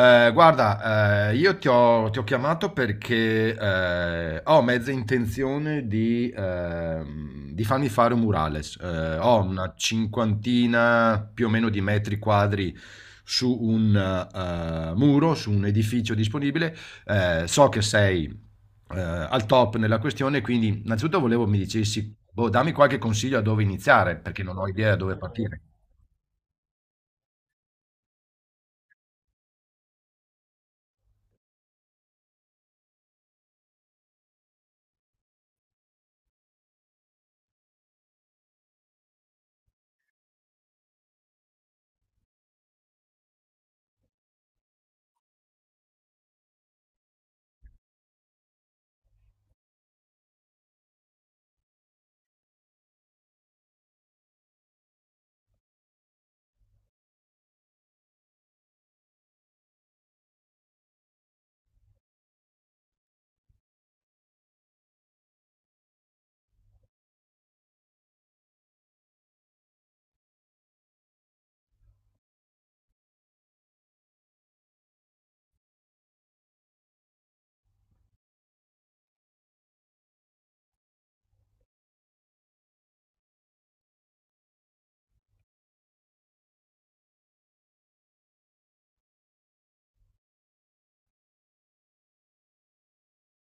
Io ti ho chiamato perché ho mezza intenzione di farmi fare un murales. Ho una cinquantina più o meno di metri quadri su un muro, su un edificio disponibile. So che sei al top nella questione, quindi innanzitutto volevo mi dicessi, boh, dammi qualche consiglio a dove iniziare, perché non ho idea da dove partire.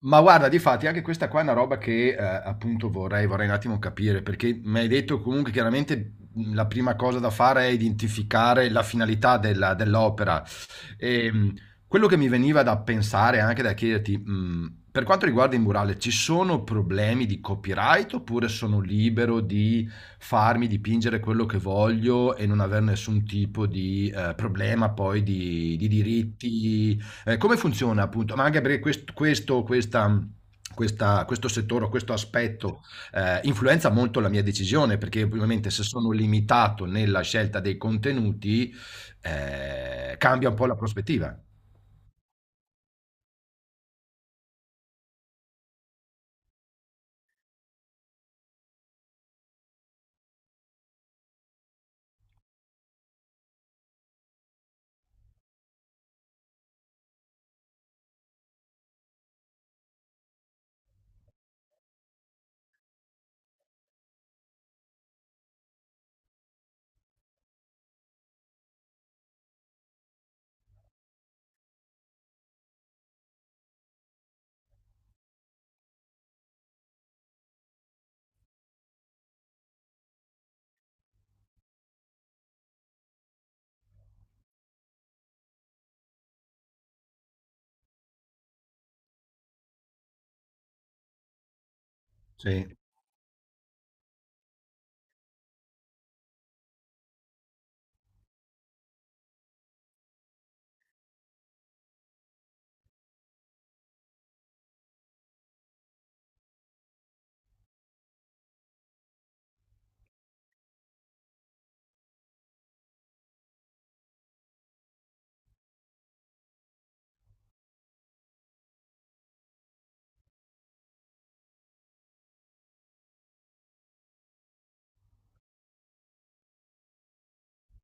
Ma guarda, difatti anche questa qua è una roba che appunto vorrei un attimo capire, perché m'hai detto comunque chiaramente, la prima cosa da fare è identificare la finalità della dell'opera. Ehm, Quello che mi veniva da pensare, anche da chiederti, per quanto riguarda il murale, ci sono problemi di copyright oppure sono libero di farmi dipingere quello che voglio e non aver nessun tipo di problema poi di diritti come funziona appunto? Ma anche perché questo settore, o questo aspetto influenza molto la mia decisione, perché ovviamente se sono limitato nella scelta dei contenuti cambia un po' la prospettiva. Sì.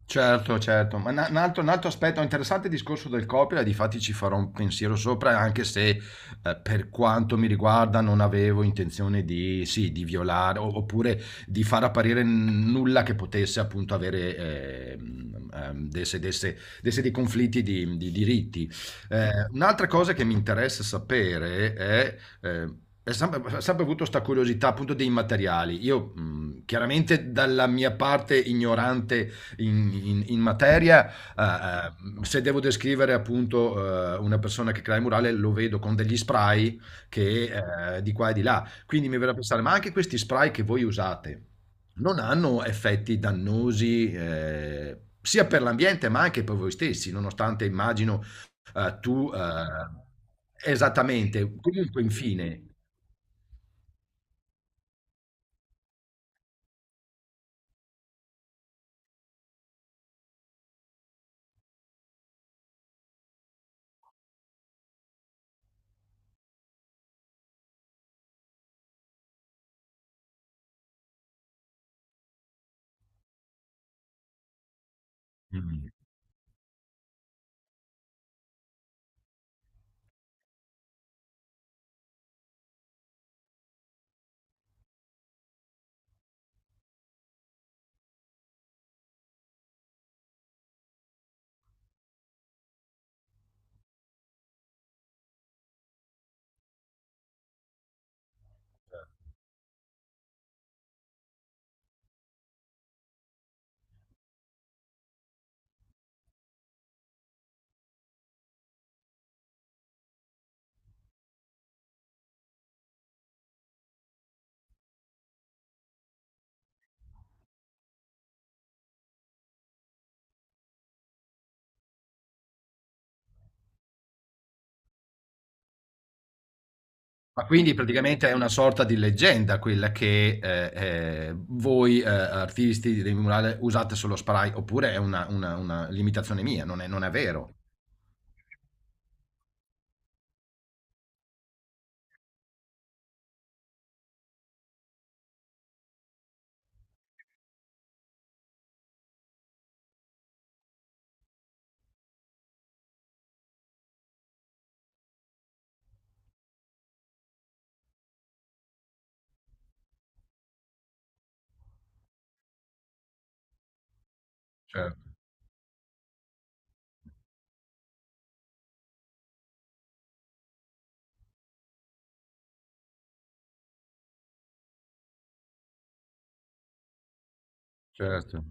Certo, certo, ma un altro aspetto interessante è il discorso del copyright, difatti ci farò un pensiero sopra, anche se per quanto mi riguarda non avevo intenzione di, sì, di violare oppure di far apparire nulla che potesse appunto avere desse dei conflitti di diritti. Un'altra cosa che mi interessa sapere eh, è: ho sempre avuto questa curiosità appunto dei materiali. Io, chiaramente dalla mia parte ignorante in materia, eh, se devo descrivere appunto una persona che crea il murale, lo vedo con degli spray che di qua e di là. Quindi mi verrà a pensare, ma anche questi spray che voi usate non hanno effetti dannosi sia per l'ambiente ma anche per voi stessi, nonostante immagino tu esattamente, comunque infine. Mm. Ma quindi praticamente è una sorta di leggenda quella che voi artisti dei murale usate solo spray, oppure è una, una limitazione mia, non è, non è vero. Certo, certo.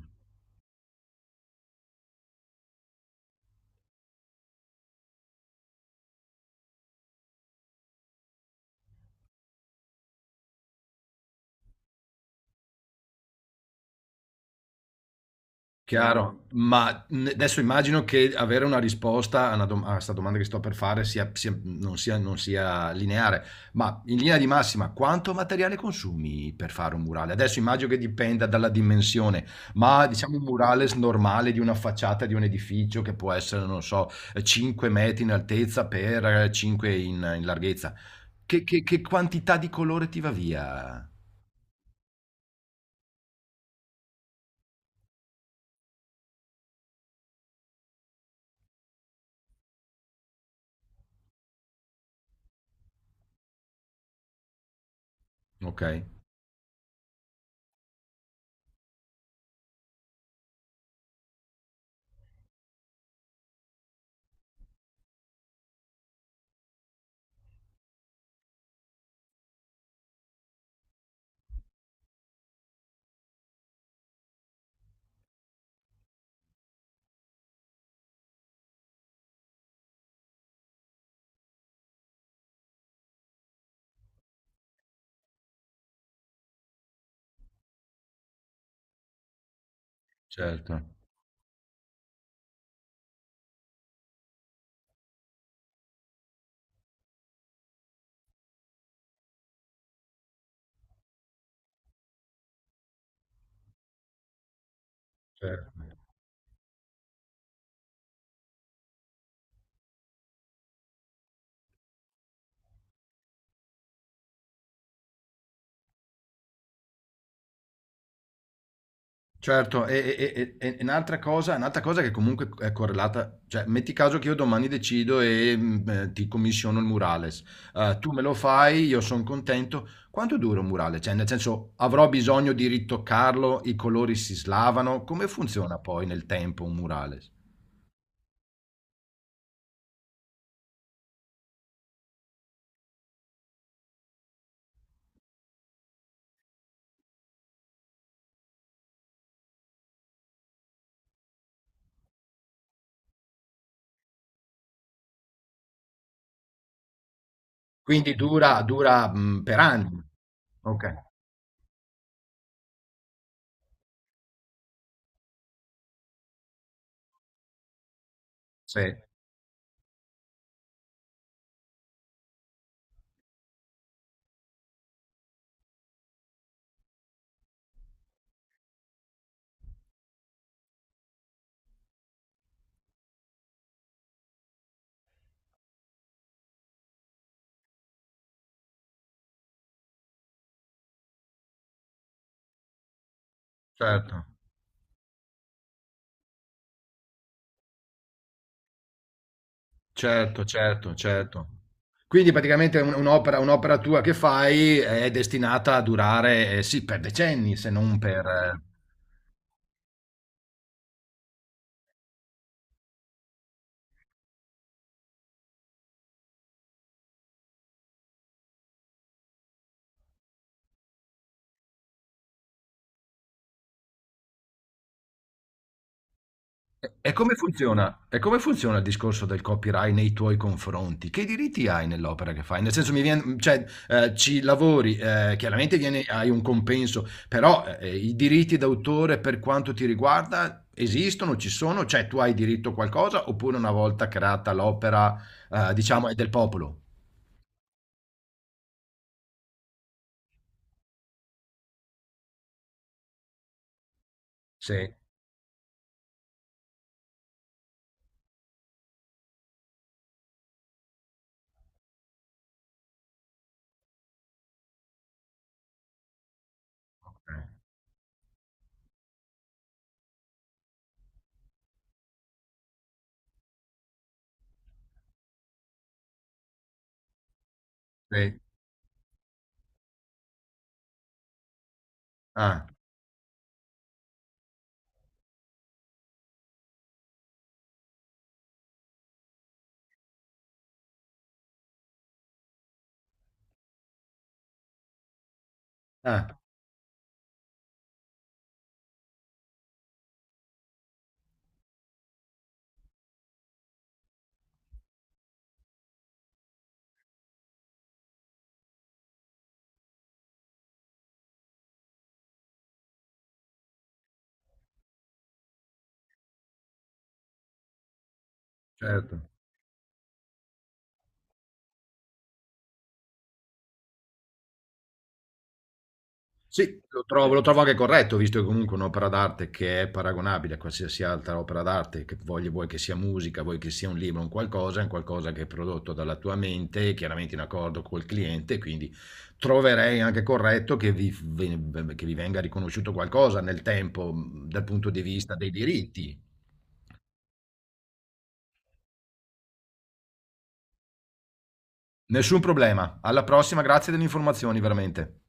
Chiaro, ma adesso immagino che avere una risposta a, una a questa domanda che sto per fare non sia lineare, ma in linea di massima, quanto materiale consumi per fare un murale? Adesso immagino che dipenda dalla dimensione, ma diciamo un murale normale di una facciata di un edificio che può essere, non so, 5 metri in altezza per 5 in larghezza. Che che quantità di colore ti va via? Ok, certo, certo. Certo, e un'altra cosa che comunque è correlata, cioè metti caso che io domani decido e ti commissiono il murales, eh, tu me lo fai, io sono contento, quanto dura un murale? Cioè nel senso avrò bisogno di ritoccarlo, i colori si slavano, come funziona poi nel tempo un murales? Quindi dura per anni. Ok, sì, certo. Certo, certo, certo. Quindi praticamente un'opera, un'opera tua che fai è destinata a durare, sì, per decenni, se non per... E e come funziona? E come funziona il discorso del copyright nei tuoi confronti? Che diritti hai nell'opera che fai? Nel senso, mi viene, cioè, ci lavori, hai un compenso, però i diritti d'autore per quanto ti riguarda esistono, ci sono? Cioè, tu hai diritto a qualcosa oppure una volta creata l'opera, diciamo, è del popolo? Sì. Eh, sì. Ah, ah, certo. Sì, sì, lo trovo anche corretto, visto che comunque è un'opera d'arte che è paragonabile a qualsiasi altra opera d'arte, che vuoi che sia musica, vuoi che sia un libro, un qualcosa, è un qualcosa che è prodotto dalla tua mente, chiaramente in accordo col cliente, quindi troverei anche corretto che che vi venga riconosciuto qualcosa nel tempo, dal punto di vista dei diritti. Nessun problema. Alla prossima, grazie delle informazioni, veramente.